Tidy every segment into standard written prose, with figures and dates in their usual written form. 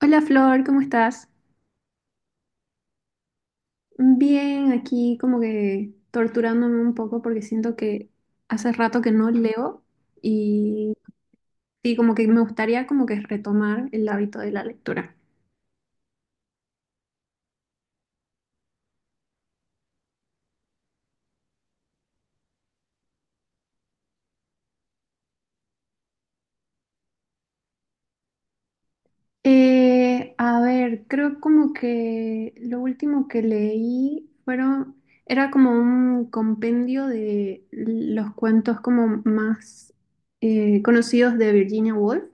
Hola Flor, ¿cómo estás? Bien, aquí como que torturándome un poco porque siento que hace rato que no leo y sí, como que me gustaría como que retomar el hábito de la lectura. A ver, creo como que lo último que leí era como un compendio de los cuentos como más conocidos de Virginia Woolf.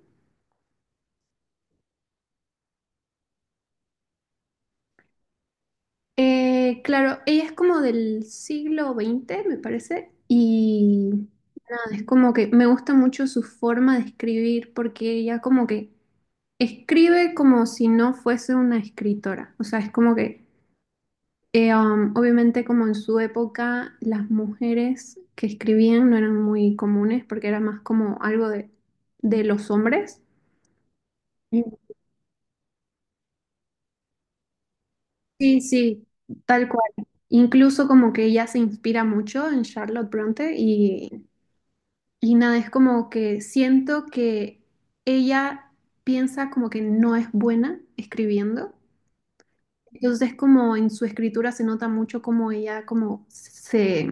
Claro, ella es como del siglo XX, me parece, y nada, es como que me gusta mucho su forma de escribir porque ella como que escribe como si no fuese una escritora, o sea, es como que obviamente como en su época las mujeres que escribían no eran muy comunes porque era más como algo de los hombres. Mm. Sí, sí, tal cual. Incluso como que ella se inspira mucho en Charlotte Bronte y nada, es como que siento que ella piensa como que no es buena escribiendo. Entonces como en su escritura se nota mucho como ella como se,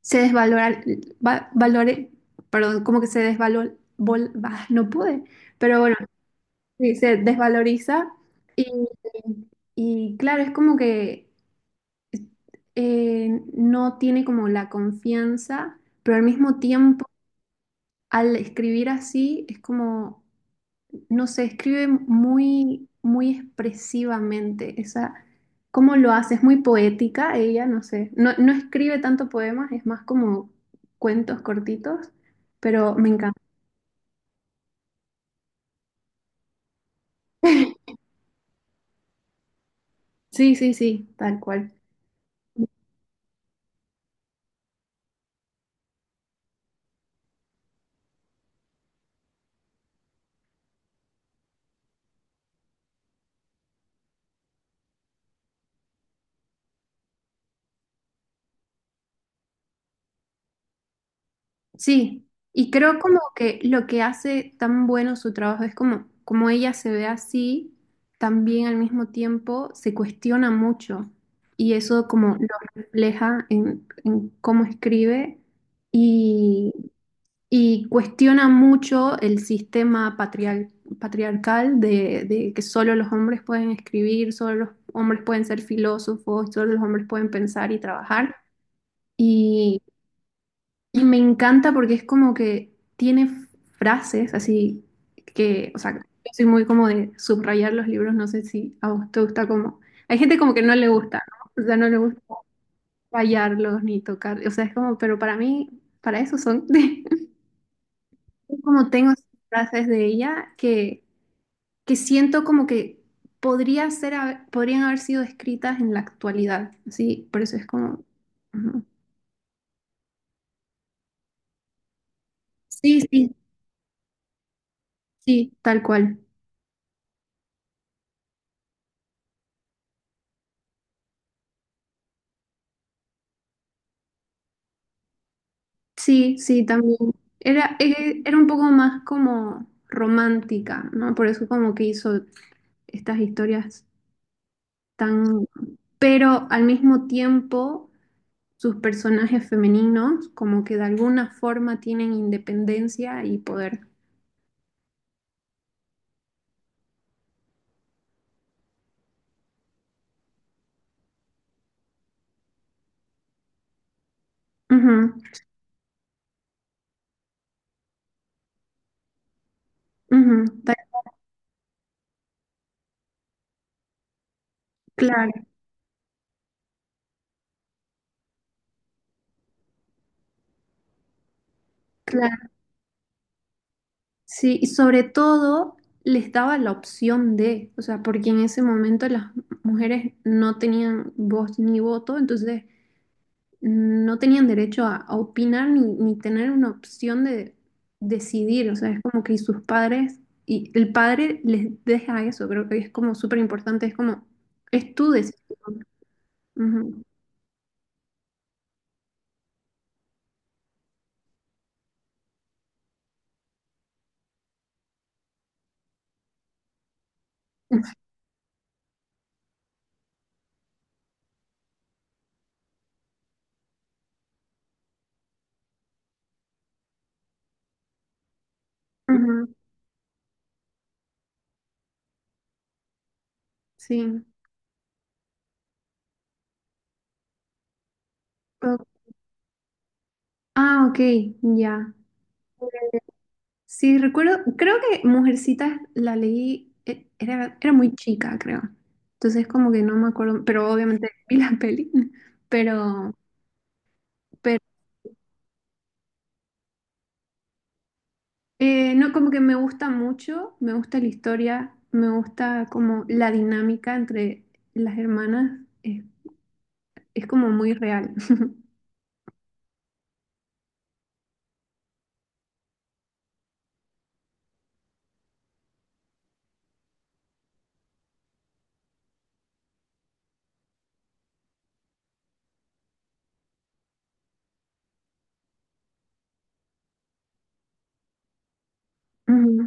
se desvalora, valore, perdón, como que se desvalor, bah, no pude, pero bueno, sí, se desvaloriza y, y claro, es como que no tiene como la confianza, pero al mismo tiempo al escribir así es como no se escribe muy, muy expresivamente. Esa, ¿cómo lo hace? Es muy poética ella, no sé. No, no escribe tanto poemas, es más como cuentos cortitos, pero me encanta. Sí, sí, sí, tal cual. Sí, y creo como que lo que hace tan bueno su trabajo es como, como ella se ve así, también al mismo tiempo se cuestiona mucho y eso como lo refleja en cómo escribe y Y cuestiona mucho el sistema patriarcal de que solo los hombres pueden escribir, solo los hombres pueden ser filósofos, solo los hombres pueden pensar y trabajar. Y, y me encanta porque es como que tiene frases así que, o sea, yo soy muy como de subrayar los libros, no sé si a vos te gusta como... Hay gente como que no le gusta, ¿no? O sea, no le gusta rayarlos ni tocar, o sea, es como, pero para mí, para eso son... Como tengo esas frases de ella que siento como que podrían haber sido escritas en la actualidad. Sí, por eso es como... Ujú. Sí, sí, sí, tal cual. Sí, sí, también. Era un poco más como romántica, ¿no? Por eso como que hizo estas historias tan... Pero al mismo tiempo, sus personajes femeninos como que de alguna forma tienen independencia y poder. Ujú. Ujú. Claro, claro. Sí, y sobre todo les daba la opción de, o sea, porque en ese momento las mujeres no tenían voz ni voto, entonces no tenían derecho a opinar ni tener una opción de decidir, o sea, es como que sus padres, y el padre les deja eso, creo que es como súper importante, es como, es tu decisión. Ujú. Ujú. Sí. O- Ah, ok, ya. Sí, recuerdo, creo que Mujercitas la leí, era muy chica, creo. Entonces como que no me acuerdo, pero obviamente vi la peli, pero, pero no, como que me gusta mucho, me gusta la historia, me gusta como la dinámica entre las hermanas, es como muy real. Ujú.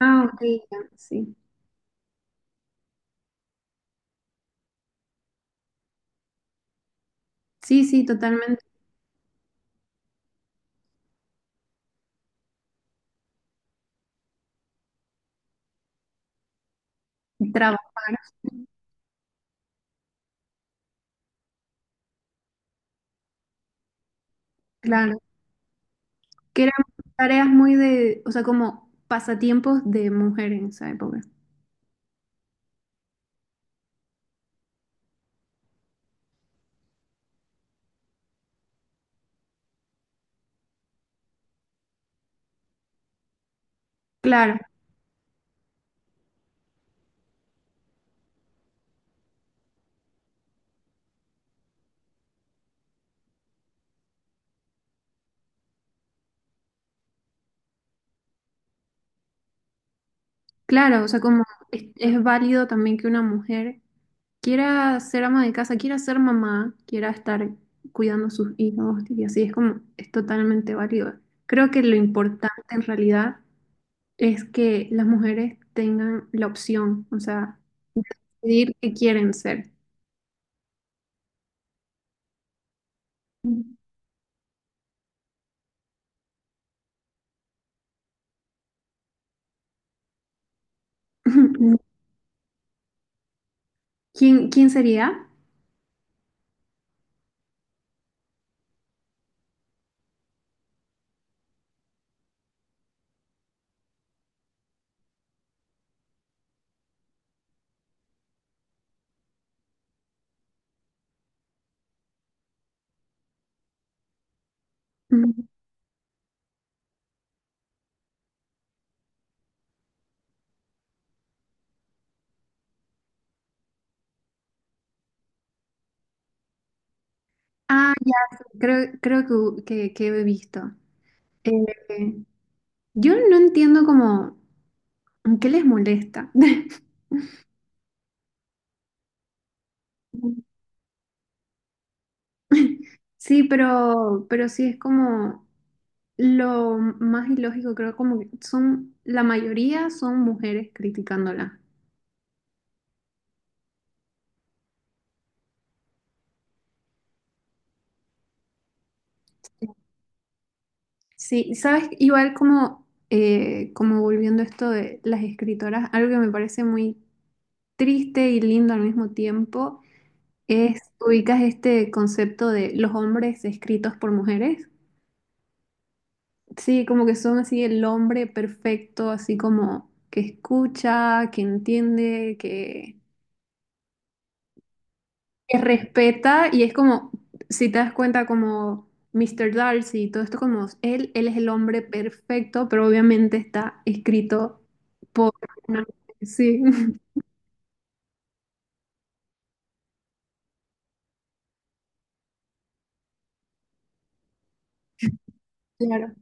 Ah, ok, ya, sí. Sí, sí, totalmente. Trabajar, claro. Que eran tareas muy de, o sea, como pasatiempos de mujer en esa época. Claro, claro, o sea, como es válido también que una mujer quiera ser ama de casa, quiera ser mamá, quiera estar cuidando a sus hijos y así es como es totalmente válido. Creo que lo importante en realidad es que las mujeres tengan la opción, o sea, decidir qué quieren ser. ¿Quién sería? Mm. Ah, ya, sí, creo que he visto. Eh, yo no entiendo como qué les molesta. Sí, pero sí es como lo más ilógico, creo como que son, la mayoría son mujeres criticándola. Sí, sabes, igual como, como volviendo a esto de las escritoras, algo que me parece muy triste y lindo al mismo tiempo ubicas este concepto de los hombres escritos por mujeres. Sí, como que son así el hombre perfecto, así como que escucha, que entiende, que respeta y es como, si te das cuenta, como Mr. Darcy y todo esto, como él es el hombre perfecto, pero obviamente está escrito por una-. Sí, claro.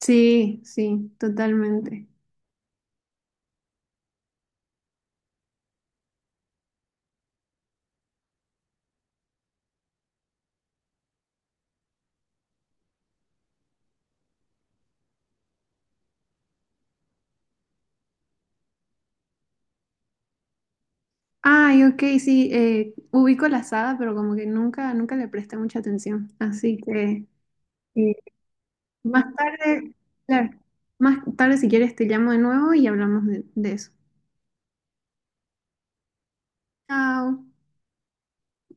Sí, sí, totalmente. Ay, ok, sí, ubico la saga, pero como que nunca, nunca le presté mucha atención. Así que eh, más tarde, claro, más tarde si quieres te llamo de nuevo y hablamos de eso. Chao.